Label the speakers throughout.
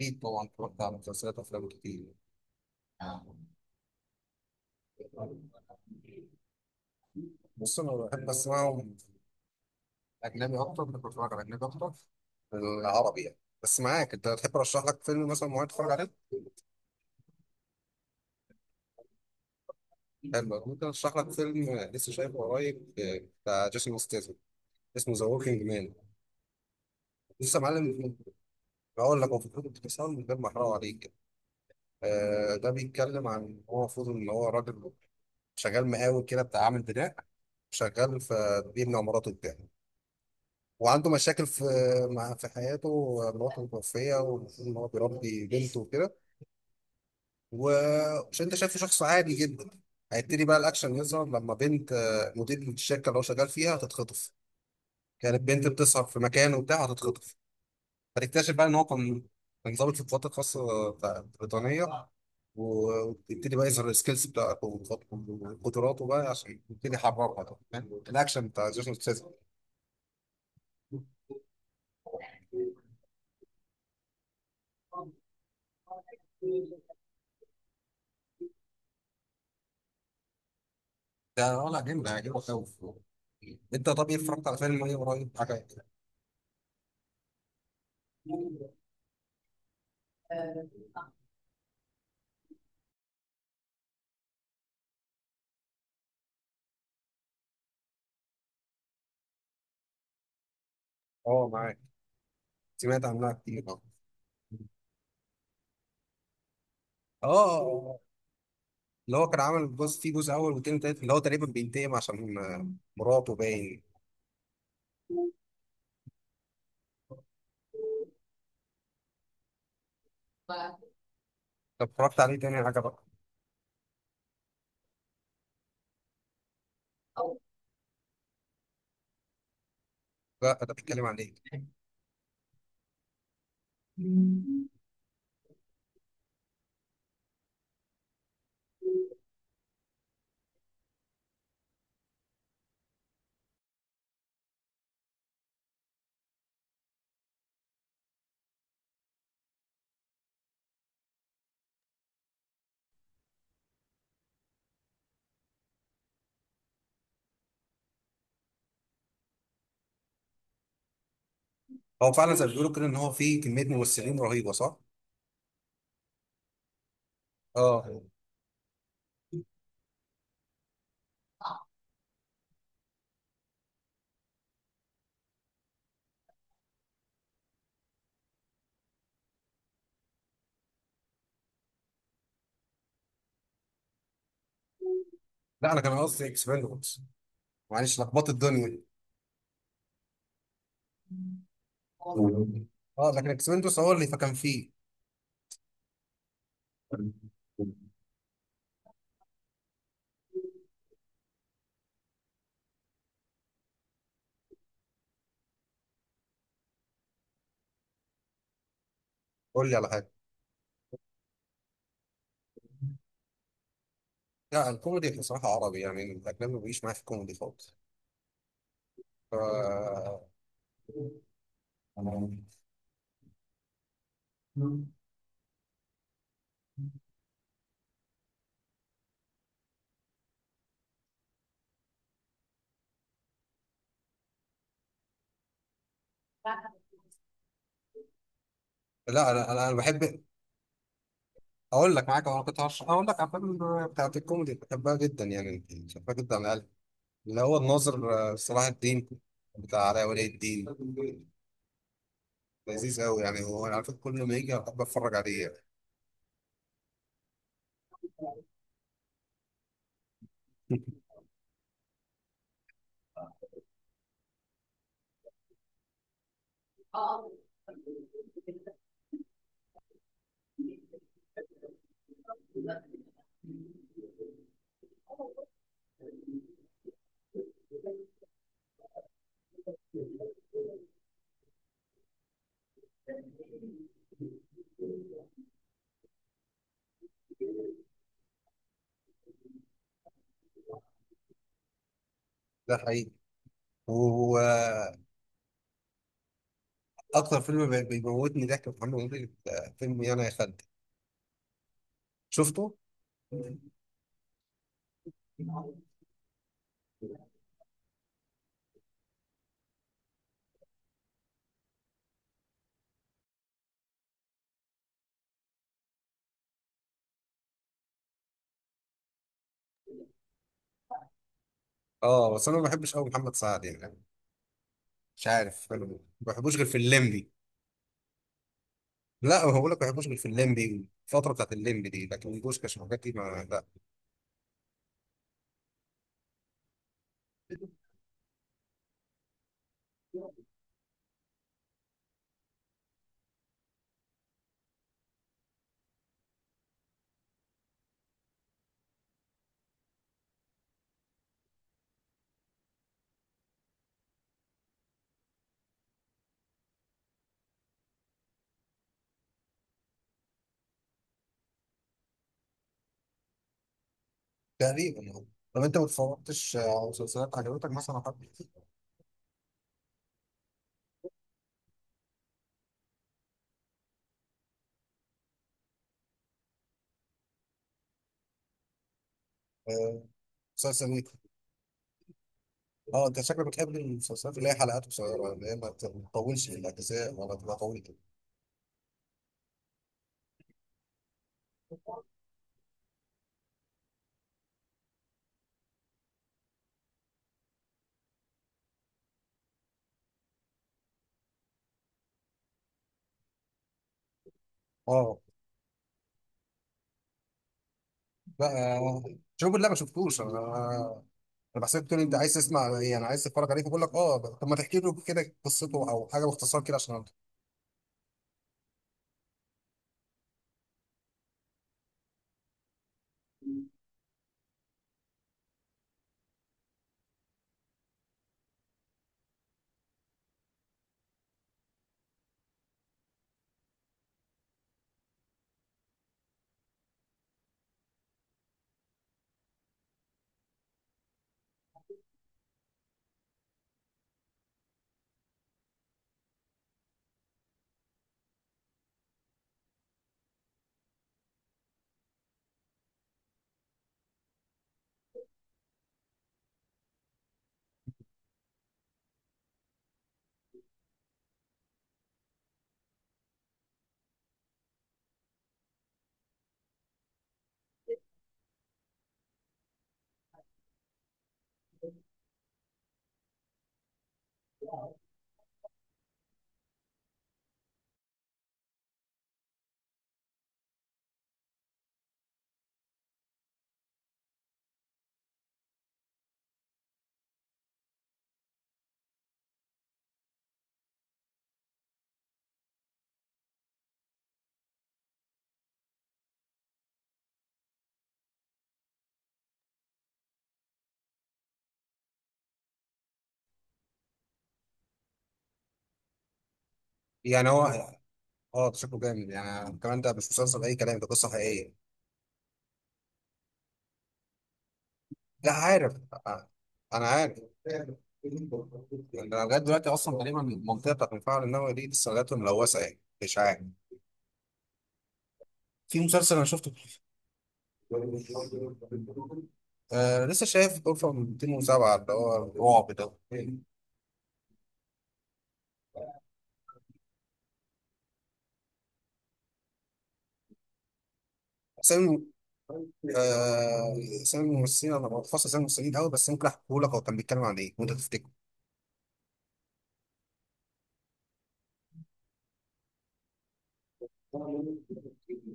Speaker 1: أكيد طبعا اتفرجت على مسلسلات أفلام كتير. بص أنا بحب أسمعهم، أجنبي أكتر. بحب أتفرج على أجنبي أكتر من العربي يعني. بس معاك، أنت تحب أرشح لك فيلم مثلا معين تتفرج عليه؟ حلو، ممكن أرشح لك فيلم لسه شايفه قريب. بتاع جيسون ستاثام، اسمه ذا وركينج مان. لسه معلم، بقول لك هو في كتب اختصار من غير ما أحرقه عليك. ده بيتكلم عن، هو المفروض إن هو راجل شغال مقاول كده بتاع، عامل بناء. شغال في، بيبني عمارات وبتاع. وعنده مشاكل في حياته. مراته متوفية والمفروض إن هو بيربي بنته وكده. ومش أنت شايفه شخص عادي جدا. هيبتدي بقى الأكشن يظهر لما بنت مدير الشركة اللي هو شغال فيها هتتخطف. كانت بنت بتسهر في مكان وبتاع هتتخطف. فتكتشف بقى إن هو كان ضابط في القوات الخاصة البريطانية. ويبتدي بقى يظهر السكيلز بتاعته وقدراته بقى عشان يبتدي يحررها طبعاً. الأكشن بتاع جيسون ستاثام. ده ولا جامد، هيعجبك أوي. انت طب ايه، اتفرجت على فيلم ايه قريب حاجه؟ اه معاك. سمعت عنها كتير، اه. اه، اللي هو كان عامل جزء، فيه جزء اول وتاني تالت اللي هو تقريبا بينتقم عشان مراته باين. طب اتفرجت عليه تاني حاجه بقى؟ لا، ده بيتكلم عن ايه؟ هو فعلا زي ما بيقولوا كده ان هو فيه كميه ممثلين رهيبه، صح؟ اه. لا، انا كان قصدي اكسباندبلز، معلش لخبطت الدنيا. اه، لكن اكسباندبلز هو اللي فكان فيه. قول لي على حاجه. لا، الكوميدي بصراحة عربي يعني، الأجنبي ما بيجيش معايا في الكوميدي خالص. ف... لا، أنا بحب. أقول لك، معاك أنا كنت أقول لك على الأفلام بتاعت الكوميدي، بحبها جدا يعني، بحبها جدا على الأقل. اللي هو الناظر صلاح الدين، بتاع علاء ولي الدين. لذيذ أوي يعني، هو أنا على فكرة كل ما يجي أحب أتفرج عليه يعني. ده حقيقي وأكتر. فيلم بيموتني ضحك في محمد هنيدي فيلم يانا يا خالتي. شفته؟ اه، بس انا ما بحبش قوي محمد سعد يعني. مش عارف، انا ما بحبوش غير في الليمبي. لا، هو بقول لك ما بحبوش غير في الليمبي، الفتره بتاعت الليمبي دي، لكن بوشكاش والحاجات دي ما لا. تقريبا يعني. طب انت ما اتفرجتش على مسلسلات عجبتك مثلا حد؟ آه، مسلسل ايه؟ اه، انت شكلك بتحب المسلسلات اللي هي حلقات قصيره، اللي هي ما تطولش في الاجزاء ولا تبقى طويله. اه. لا، شوف، لا ما شفتوش انا. انا بحسك بتقول انت عايز تسمع ايه، انا عايز تتفرج عليه، فبقول لك اه. طب ما تحكي له كده قصته او حاجه باختصار كده عشان أعرف. يعني هو، اه ده شكله جامد يعني. كمان ده مش مسلسل اي كلام، ده قصه حقيقيه. لا عارف. انا عارف يعني، انا لغايه دلوقتي اصلا تقريبا المنطقه بتاعت المفاعل النووي دي لسه لغايه ملوثه يعني، مش عارف. في مسلسل انا شفته، آه، لسه شايف غرفه 207، اللي هو الرعب ده. بس آه، اسامي الممثلين، انا بحفظ اسامي الممثلين قوي. بس ممكن احكيه لك هو كان بيتكلم عن ايه وانت تفتكر.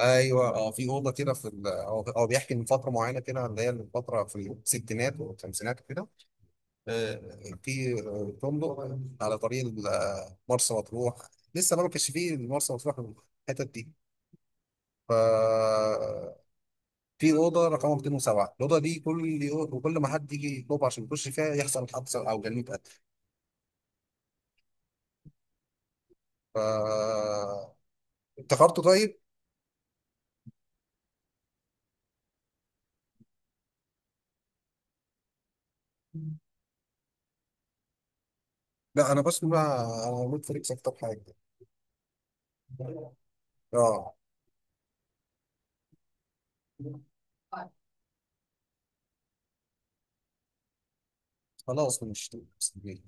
Speaker 1: ايوه اه، في اوضه كده في هو بيحكي من فتره معينه كده، اللي هي الفتره في الستينات والخمسينات كده. آه، في فندق على طريق مرسى مطروح. لسه ما كانش فيه مرسى مطروح الحتت دي. ف في اوضه رقم 207، الاوضه دي كل يوم وكل ما حد يجي يطلب عشان يخش فيها يحصل حادثه او جريمه قتل. ف افتكرته طيب. لا، انا بسمع على نتفليكس اكتر حاجه. اه خلاص، مش مستني.